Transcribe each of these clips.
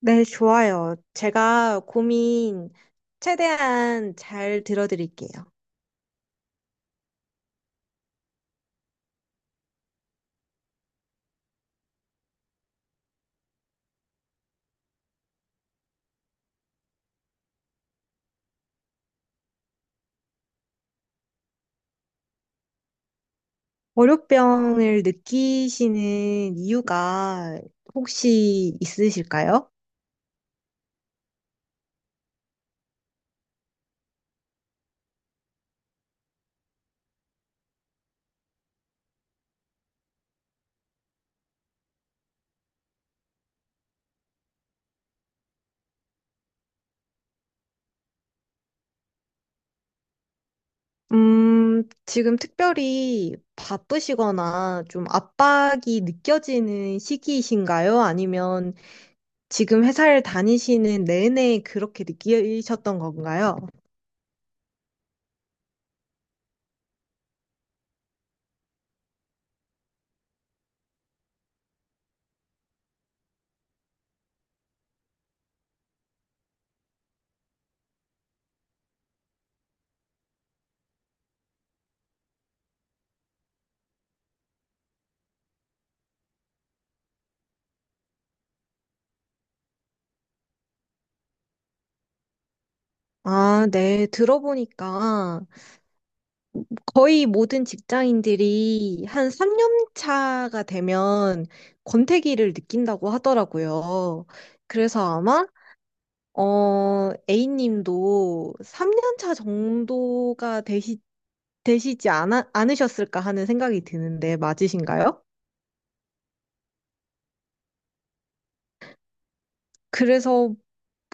네, 좋아요. 제가 고민 최대한 잘 들어드릴게요. 월요병을 느끼시는 이유가 혹시 있으실까요? 지금 특별히 바쁘시거나 좀 압박이 느껴지는 시기이신가요? 아니면 지금 회사를 다니시는 내내 그렇게 느끼셨던 건가요? 아, 네, 들어보니까 거의 모든 직장인들이 한 3년 차가 되면 권태기를 느낀다고 하더라고요. 그래서 아마, A님도 3년 차 정도가 되시지 않으셨을까 하는 생각이 드는데 맞으신가요? 그래서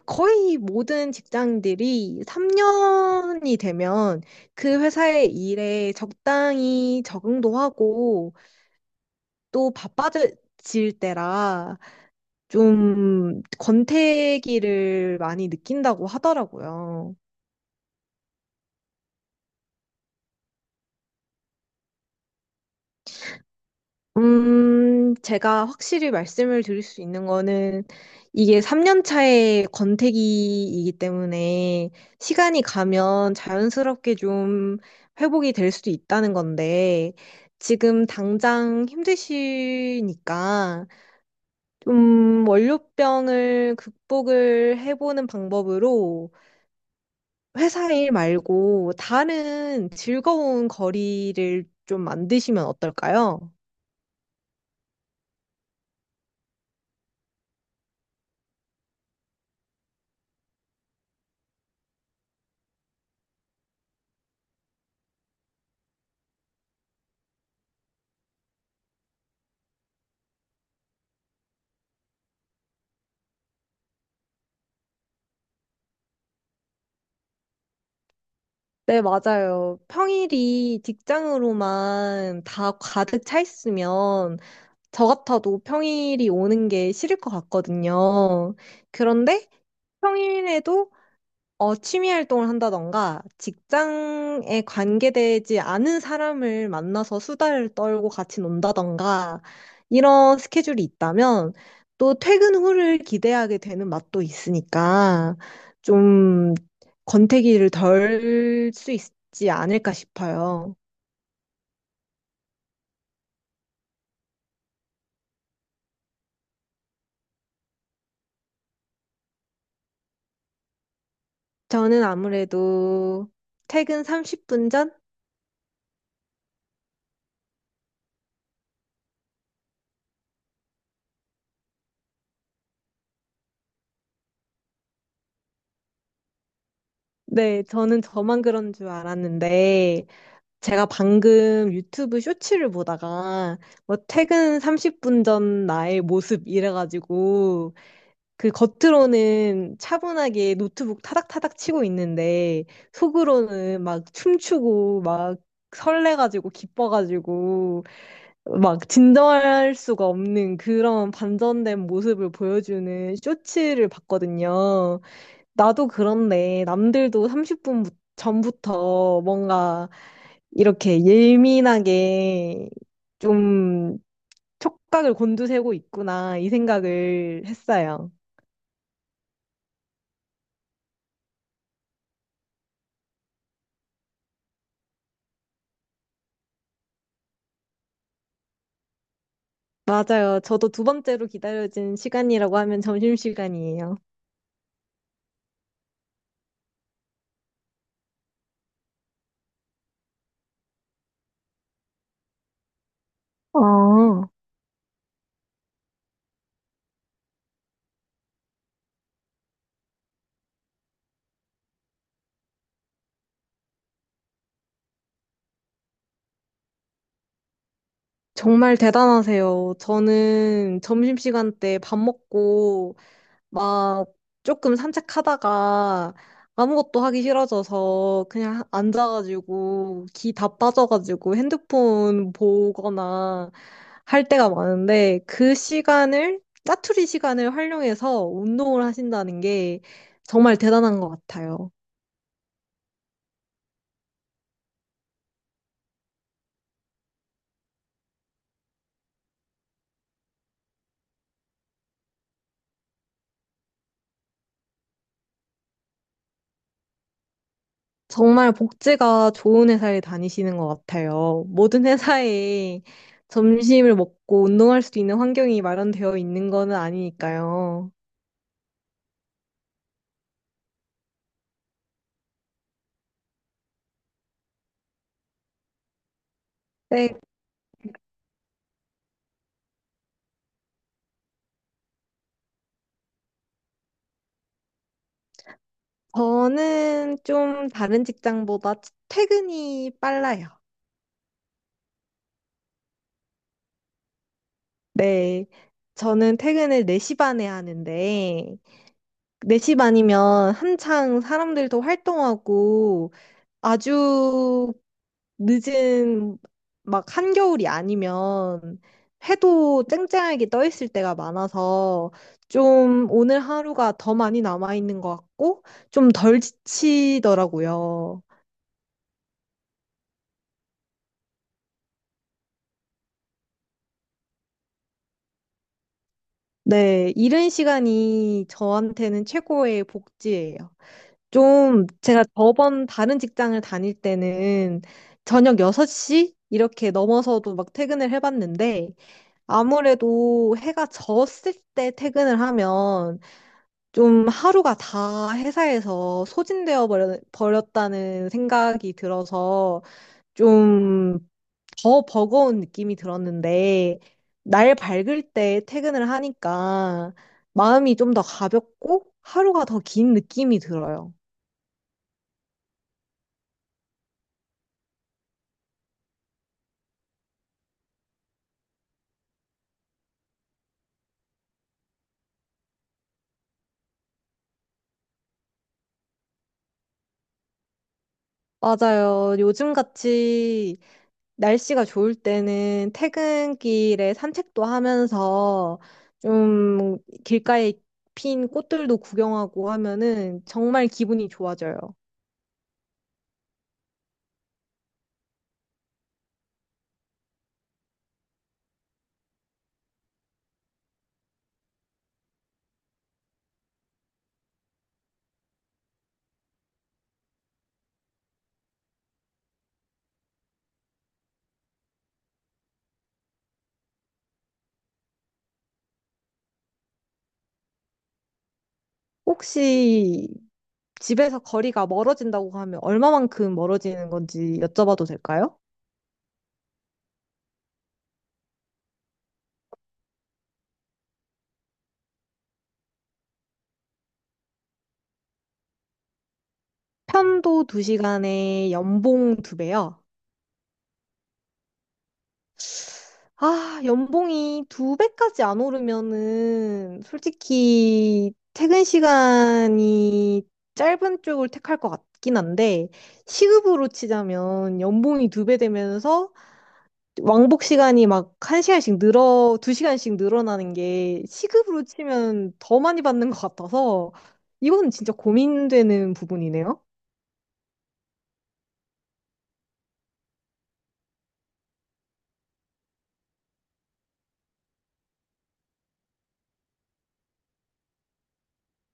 거의 모든 직장인들이 3년이 되면 그 회사의 일에 적당히 적응도 하고 또 바빠질 때라 좀 권태기를 많이 느낀다고 하더라고요. 제가 확실히 말씀을 드릴 수 있는 거는 이게 3년 차의 권태기이기 때문에 시간이 가면 자연스럽게 좀 회복이 될 수도 있다는 건데 지금 당장 힘드시니까 좀 월요병을 극복을 해보는 방법으로 회사 일 말고 다른 즐거운 거리를 좀 만드시면 어떨까요? 네, 맞아요. 평일이 직장으로만 다 가득 차 있으면 저 같아도 평일이 오는 게 싫을 것 같거든요. 그런데 평일에도 취미 활동을 한다던가, 직장에 관계되지 않은 사람을 만나서 수다를 떨고 같이 논다던가, 이런 스케줄이 있다면, 또 퇴근 후를 기대하게 되는 맛도 있으니까, 좀 권태기를 덜 수 있지 않을까 싶어요. 저는 아무래도 퇴근 30분 전? 네, 저는 저만 그런 줄 알았는데, 제가 방금 유튜브 쇼츠를 보다가 뭐 퇴근 30분 전 나의 모습 이래가지고 그 겉으로는 차분하게 노트북 타닥타닥 치고 있는데 속으로는 막 춤추고 막 설레가지고 기뻐가지고 막 진정할 수가 없는 그런 반전된 모습을 보여주는 쇼츠를 봤거든요. 나도 그런데 남들도 30분 전부터 뭔가 이렇게 예민하게 좀 촉각을 곤두세우고 있구나, 이 생각을 했어요. 맞아요. 저도 두 번째로 기다려진 시간이라고 하면 점심시간이에요. 아, 정말 대단하세요. 저는 점심시간 때 밥 먹고 막 조금 산책하다가 아무것도 하기 싫어져서 그냥 앉아가지고 기 다 빠져가지고 핸드폰 보거나 할 때가 많은데 그 시간을 짜투리 시간을 활용해서 운동을 하신다는 게 정말 대단한 것 같아요. 정말 복지가 좋은 회사에 다니시는 것 같아요. 모든 회사에 점심을 먹고 운동할 수 있는 환경이 마련되어 있는 거는 아니니까요. 네, 저는 좀 다른 직장보다 퇴근이 빨라요. 네. 저는 퇴근을 4시 반에 하는데, 4시 반이면 한창 사람들도 활동하고, 아주 늦은, 막 한겨울이 아니면, 해도 쨍쨍하게 떠 있을 때가 많아서, 좀 오늘 하루가 더 많이 남아있는 것 같고, 좀 덜 지치더라고요. 네, 이른 시간이 저한테는 최고의 복지예요. 좀 제가 저번 다른 직장을 다닐 때는 저녁 6시 이렇게 넘어서도 막 퇴근을 해봤는데 아무래도 해가 졌을 때 퇴근을 하면 좀 하루가 다 회사에서 소진되어 버렸다는 생각이 들어서 좀 더 버거운 느낌이 들었는데, 날 밝을 때 퇴근을 하니까 마음이 좀 더 가볍고 하루가 더 긴 느낌이 들어요. 맞아요. 요즘같이 날씨가 좋을 때는 퇴근길에 산책도 하면서 좀 길가에 핀 꽃들도 구경하고 하면은 정말 기분이 좋아져요. 혹시 집에서 거리가 멀어진다고 하면 얼마만큼 멀어지는 건지 여쭤봐도 될까요? 편도 2시간에 연봉 2배요. 아, 연봉이 2배까지 안 오르면은 솔직히 퇴근 시간이 짧은 쪽을 택할 것 같긴 한데 시급으로 치자면 연봉이 2배 되면서 왕복 시간이 막 1시간씩 늘어, 2시간씩 늘어나는 게 시급으로 치면 더 많이 받는 것 같아서 이건 진짜 고민되는 부분이네요.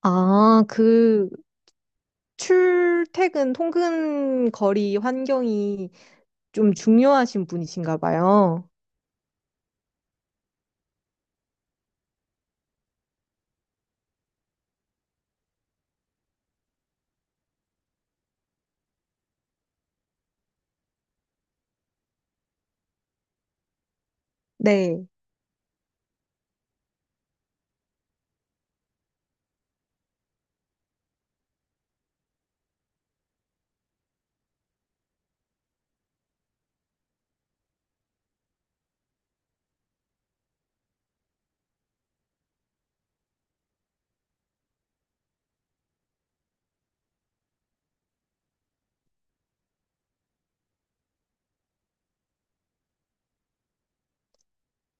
아, 그 출퇴근 통근 거리 환경이 좀 중요하신 분이신가 봐요. 네.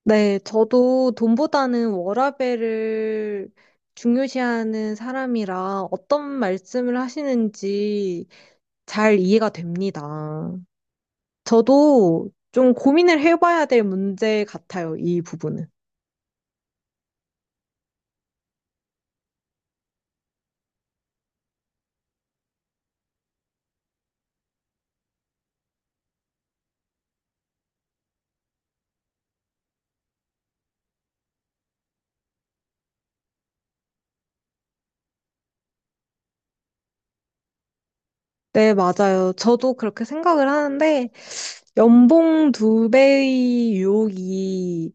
네, 저도 돈보다는 워라밸을 중요시하는 사람이라 어떤 말씀을 하시는지 잘 이해가 됩니다. 저도 좀 고민을 해봐야 될 문제 같아요, 이 부분은. 네, 맞아요. 저도 그렇게 생각을 하는데, 연봉 두 배의 유혹이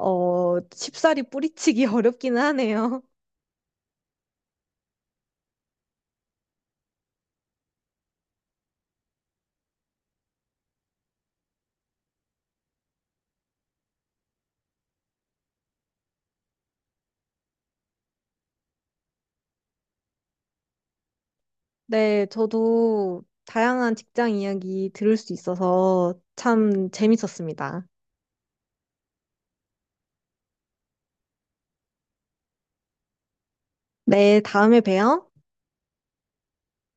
쉽사리 뿌리치기 어렵기는 하네요. 네, 저도 다양한 직장 이야기 들을 수 있어서 참 재밌었습니다. 네, 다음에 봬요.